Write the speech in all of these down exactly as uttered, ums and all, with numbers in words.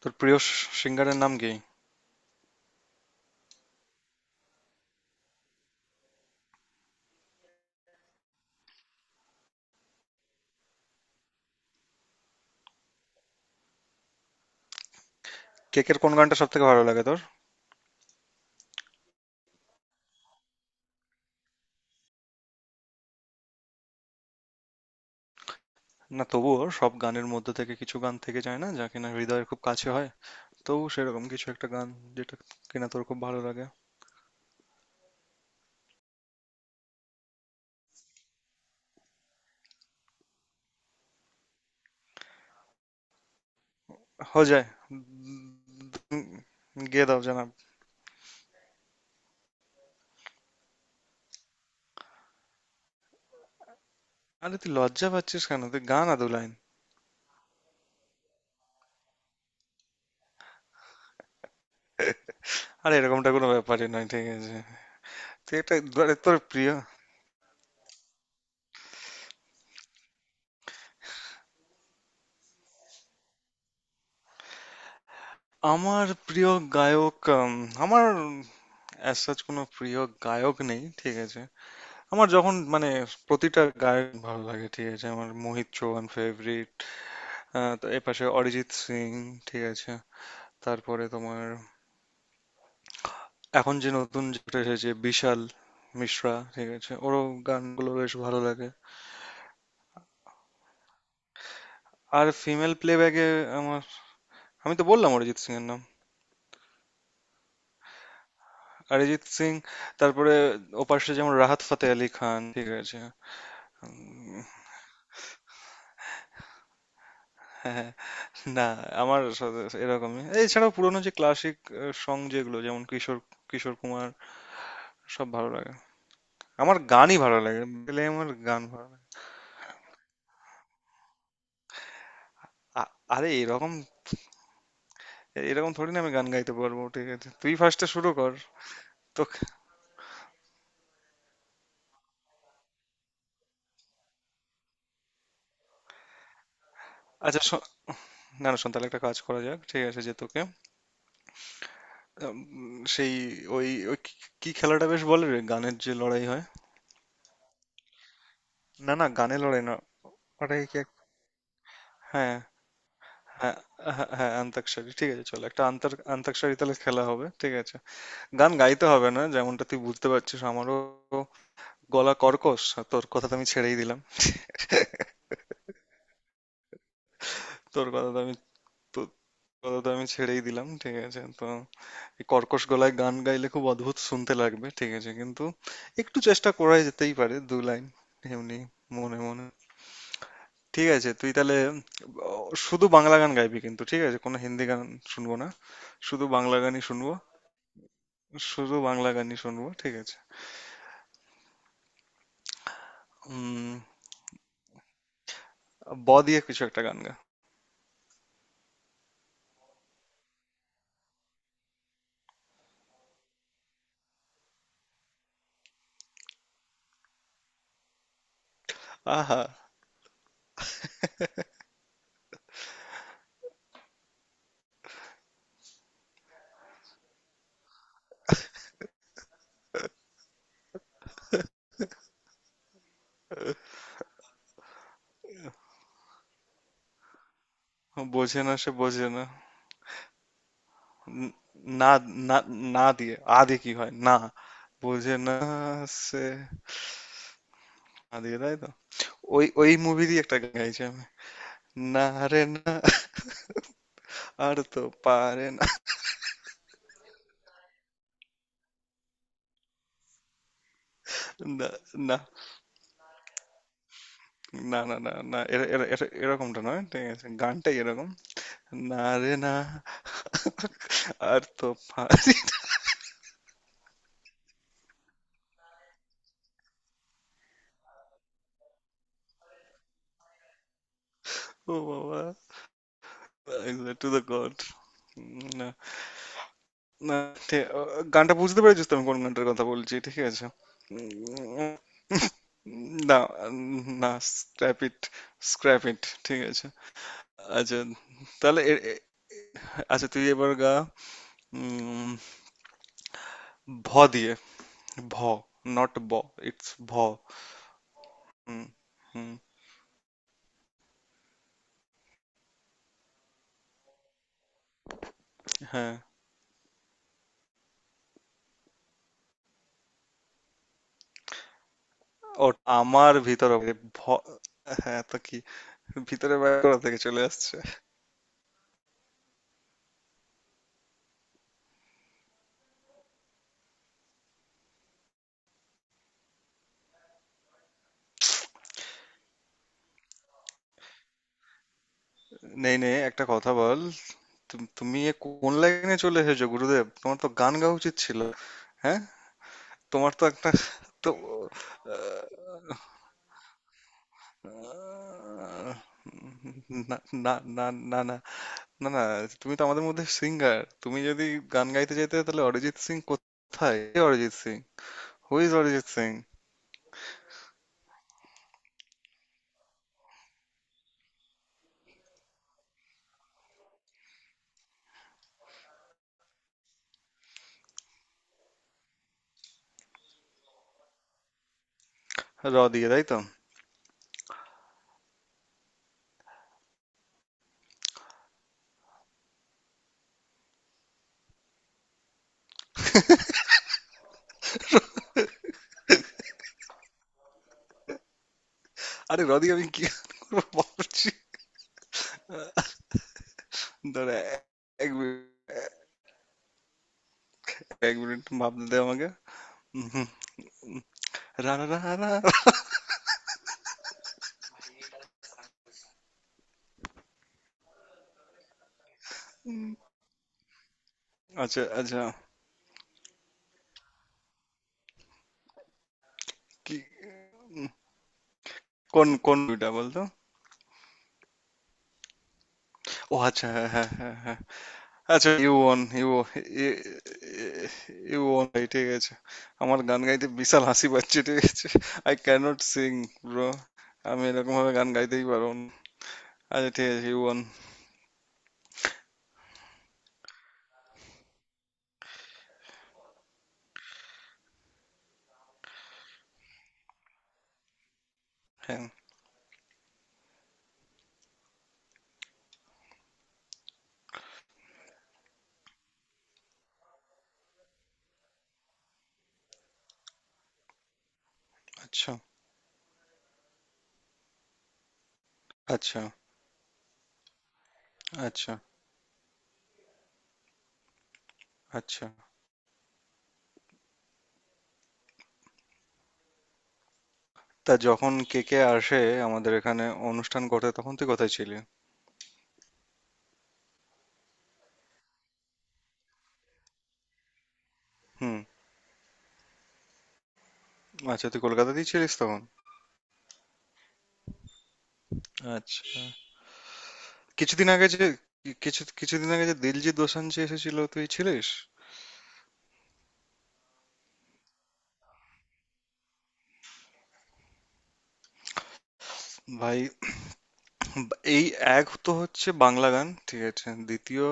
তোর প্রিয় স- সিঙ্গারের নাম কি? কেকের কোন গানটা সব থেকে ভালো লাগে তোর? না তবুও সব গানের মধ্যে থেকে কিছু গান থেকে যায় না যা কিনা হৃদয়ের খুব কাছে হয়। তবু সেরকম কিছু একটা গান যেটা কিনা তোর খুব ভালো লাগে হয়ে যায়। উম, গেয়ে দাও জানাব। আরে তুই লজ্জা পাচ্ছিস কেন? তুই গান আদু লাইন। আরে এরকমটা কোনো ব্যাপারই নয়, ঠিক আছে? তুই এটা, আরে তোর প্রিয়। আমার প্রিয় গায়ক, উম, আমার অ্যাজ কোনো প্রিয় গায়ক নেই, ঠিক আছে? আমার যখন মানে প্রতিটা গায়ক ভালো লাগে, ঠিক আছে? আমার মোহিত চৌহান ফেভারিট, তো এপাশে অরিজিৎ সিং, ঠিক আছে? তারপরে তোমার এখন যে নতুন যেটা এসেছে বিশাল মিশ্রা, ঠিক আছে, ওরও গানগুলো বেশ ভালো লাগে। আর ফিমেল প্লেব্যাকে আমার, আমি তো বললাম অরিজিৎ সিং এর নাম। অরিজিৎ সিং, তারপরে ওপাশে যেমন রাহাত ফাতে আলি খান, ঠিক আছে? হ্যাঁ, হ্যাঁ। না, আমার সাথে এরকমই। এছাড়াও পুরোনো যে ক্লাসিক সং যেগুলো, যেমন কিশোর কিশোর কুমার, সব ভালো লাগে। আমার গানই ভালো লাগে, গেলে আমার গান ভালো লাগে। আ- আরে এরকম, এরকম থোড়ি না আমি গান গাইতে পারবো, ঠিক আছে? তুই ফার্স্টে শুরু কর। তোকে, আচ্ছা শো- না না, শোন, তাহলে একটা কাজ করা যাক, ঠিক আছে, যে তোকে উম, সেই ওই ওই কি, কি খেলাটা বেশ বলে রে, গানের যে লড়াই হয়? না না, গানে লড়াই না, ওটা কি এক- হ্যাঁ, হ্যাঁ হ্যাঁ হ্যাঁ আন্তাক্ষরী, ঠিক আছে, চল একটা আন্তর আন্তাক্ষরী তাহলে খেলা হবে, ঠিক আছে? গান গাইতে হবে না, যেমনটা তুই বুঝতে পারছিস আমারও গলা কর্কশ, আর তোর কথা তো আমি ছেড়েই দিলাম। তোর কথা তো আমি তো কথা তো আমি ছেড়েই দিলাম, ঠিক আছে? তো এই কর্কশ গলায় গান গাইলে খুব অদ্ভুত শুনতে লাগবে, ঠিক আছে? কিন্তু একটু চেষ্টা করাই যেতেই পারে দু লাইন, এমনি মনে মনে। ঠিক আছে, তুই তাহলে আহ, শুধু বাংলা গান গাইবি কিন্তু, ঠিক আছে? কোনো হিন্দি গান শুনবো না, শুধু বাংলা গানই শুনবো। শুধু বাংলা গানই শুনবো, ঠিক আছে? উম, ব দিয়ে কিছু একটা গান গা। আহা, বোঝে না, সে বোঝে না। ন- না, না, না দিয়ে আ দিয়ে কি হয় না? বোঝে না সে, আ দিয়ে তাই তো? ওই ওই মুভিরই একটা গান গাইছি আমি। না রে না, আর তো পারে না না, না না না না না এর- এর- এর- এরকমটা নয়, ঠিক আছে, গানটাই এরকম। না রে না, আর তো পারে। ও বাবা, টু দ্য গড। না, না, ঠিক- ও, গানটা বুঝতে পেরেছিস তো, আমি কোন গানটার কথা বলছি? ঠিক আছে। উম, না, না, স্ক্র্যাপ ইট, স্ক্র্যাপ ইট, ঠিক আছে। আচ্ছা, তাহলে এ- এ- আচ্ছা তুই এবার গা। উম, ভ দিয়ে, ভ, নট ব, ইটস ভ। হুম। হুম। হ্যাঁ। ও, আমার ভিতরে। ভ, হ্যাঁ, তো কি? ভিতরে বাইরে কোথা থেকে চলে আসছে? নেই নেই একটা কথা বল। তুম- তুমি এ কোন লাইনে চলে এসেছো গুরুদেব? তোমার তো গান গাওয়া উচিত ছিল। হ্যাঁ, তোমার তো একটা, তো আহ, না, না না না না না না তুমি তো আমাদের মধ্যে সিঙ্গার, তুমি যদি গান গাইতে চাইতে তাহলে অরিজিৎ সিং কোথায়? কে অরিজিৎ সিং? Who is Arijit Singh? র দিয়ে, তাই তো? আরে র দিয়ে আমি কি গান করবো ভাবছি। দাঁড়া, এক মিনিট, এক মিনিট ভাবতে দে আমাকে। উম, হুম। রা রা রা রা। আচ্ছা, আচ্ছা, কি, কোন কোন মুভিটা বলতো? ও আচ্ছা, হ্যাঁ, হ্যাঁ হ্যাঁ হ্যাঁ। আচ্ছা, U one, U, U one. ঠিক আছে। আমার গান গাইতে বিশাল হাসি পাচ্ছে, ঠিক আছে। I can not sing, bro. আমি এরকম ভাবে গান গাইতেই পারবো না। আচ্ছা ঠিক আছে, ইউ ওয়ান। হ্যাঁ। আচ্ছা আচ্ছা আচ্ছা আচ্ছা তা যখন কে কে আসে আমাদের এখানে অনুষ্ঠান করতে, তখন তুই কোথায় ছিলি? হুম। আচ্ছা, তুই কলকাতাতেই ছিলিস তখন। আচ্ছা। কিছুদিন আগে যে, কিছু কিছুদিন আগে যে দিলজিৎ দোসাঞ্জ যে এসেছিল তুই ছিলিস? ভাই এই, এক তো হচ্ছে বাংলা গান, ঠিক আছে, দ্বিতীয়,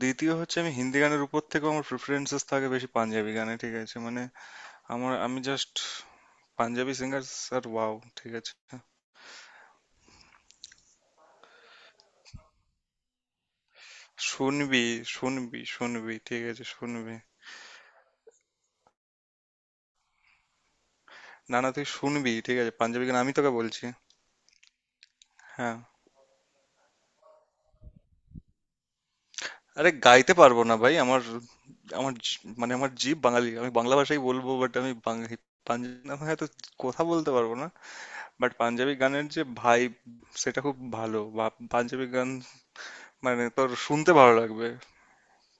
দ্বিতীয় হচ্ছে আমি হিন্দি গানের উপর থেকেও আমার প্রিফারেন্সেস থাকে বেশি পাঞ্জাবি গানে, ঠিক আছে? মানে আমার, আমি just Punjabi singer sir wow, ঠিক আছে? শুনবি শুনবি শুনবি, ঠিক আছে, শুনবি। না না, তুই শুনবি, ঠিক আছে, পাঞ্জাবি গান আমি তোকে বলছি। হ্যাঁ, আরে গাইতে পারবো না ভাই আমার, আমার জি- মানে আমার জিভ বাঙালি, আমি বাংলা ভাষাই বলবো, বাট আমি বাঙালি, পাঞ্জাবি না, হয়তো কথা বলতে পারবো না। বাট পাঞ্জাবি গানের যে ভাইব সেটা খুব ভালো, বা পাঞ্জাবি গান মানে তোর শুনতে ভালো লাগবে,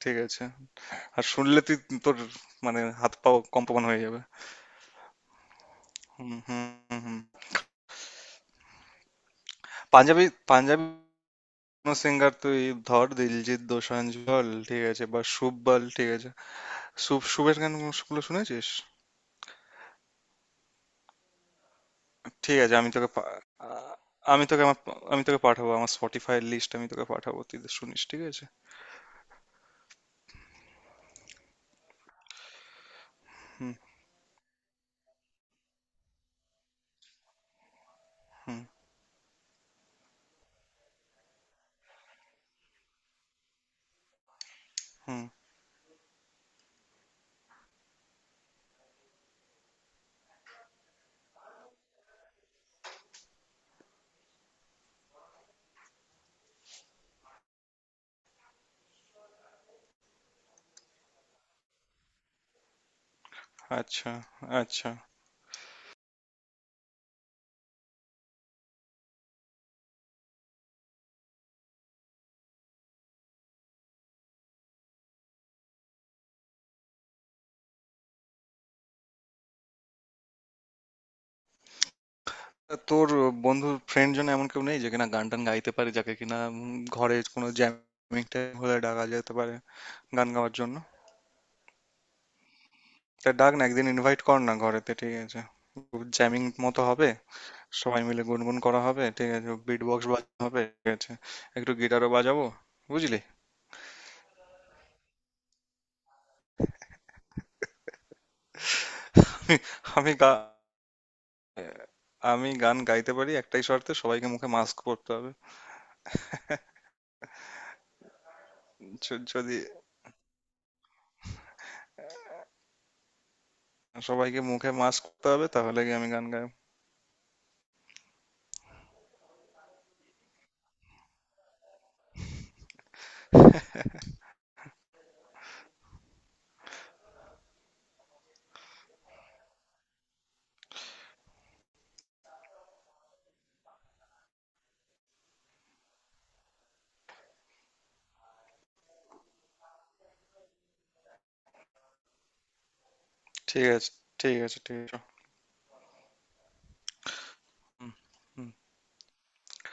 ঠিক আছে? আর শুনলে তুই, তোর মানে হাত পা কম্পমান হয়ে যাবে। হুম হুম। হুম হুম। পাঞ্জাবি, পাঞ্জাবি সিঙ্গার তুই ধর দিলজিৎ দোসাঞ্জ বল, ঠিক আছে, বা শুভ বল, ঠিক আছে? শুভ শুভের গানগুলো শুনেছিস? ঠিক আছে, আমি তোকে পা- আ- আমি তোকে আমার, আমি তোকে পাঠাবো আমার স্পটিফাই লিস্ট, আমি তোকে পাঠাবো, তুই শুনিস, ঠিক আছে? হুম হুম। হুম। আচ্ছা, আচ্ছা। তা তোর বন্ধু, ফ্রেন্ড জন, এমন কেউ নেই যে কিনা গান টান গাইতে পারে, যাকে কিনা উম, ঘরে কোনো জ্যামিং টাইম হলে ডাকা যেতে পারে গান গাওয়ার জন্য? তা ডাক না একদিন, ইনভাইট কর না ঘরেতে, ঠিক আছে? জ্যামিং মতো হবে, সবাই মিলে গুনগুন করা হবে, ঠিক আছে, বিট বক্স বাজানো হবে, ঠিক আছে, একটু গিটারও বাজাবো, বুঝলি? আমি গা আমি গান গাইতে পারি একটাই শর্তে, সবাইকে মুখে মাস্ক পরতে হবে। য- যদি সবাইকে মুখে মাস্ক পরতে হবে, তাহলে কি আমি গান গাই। ঠিক আছে। ঠিক আছে, ঠিক আছে। হুম। হুম।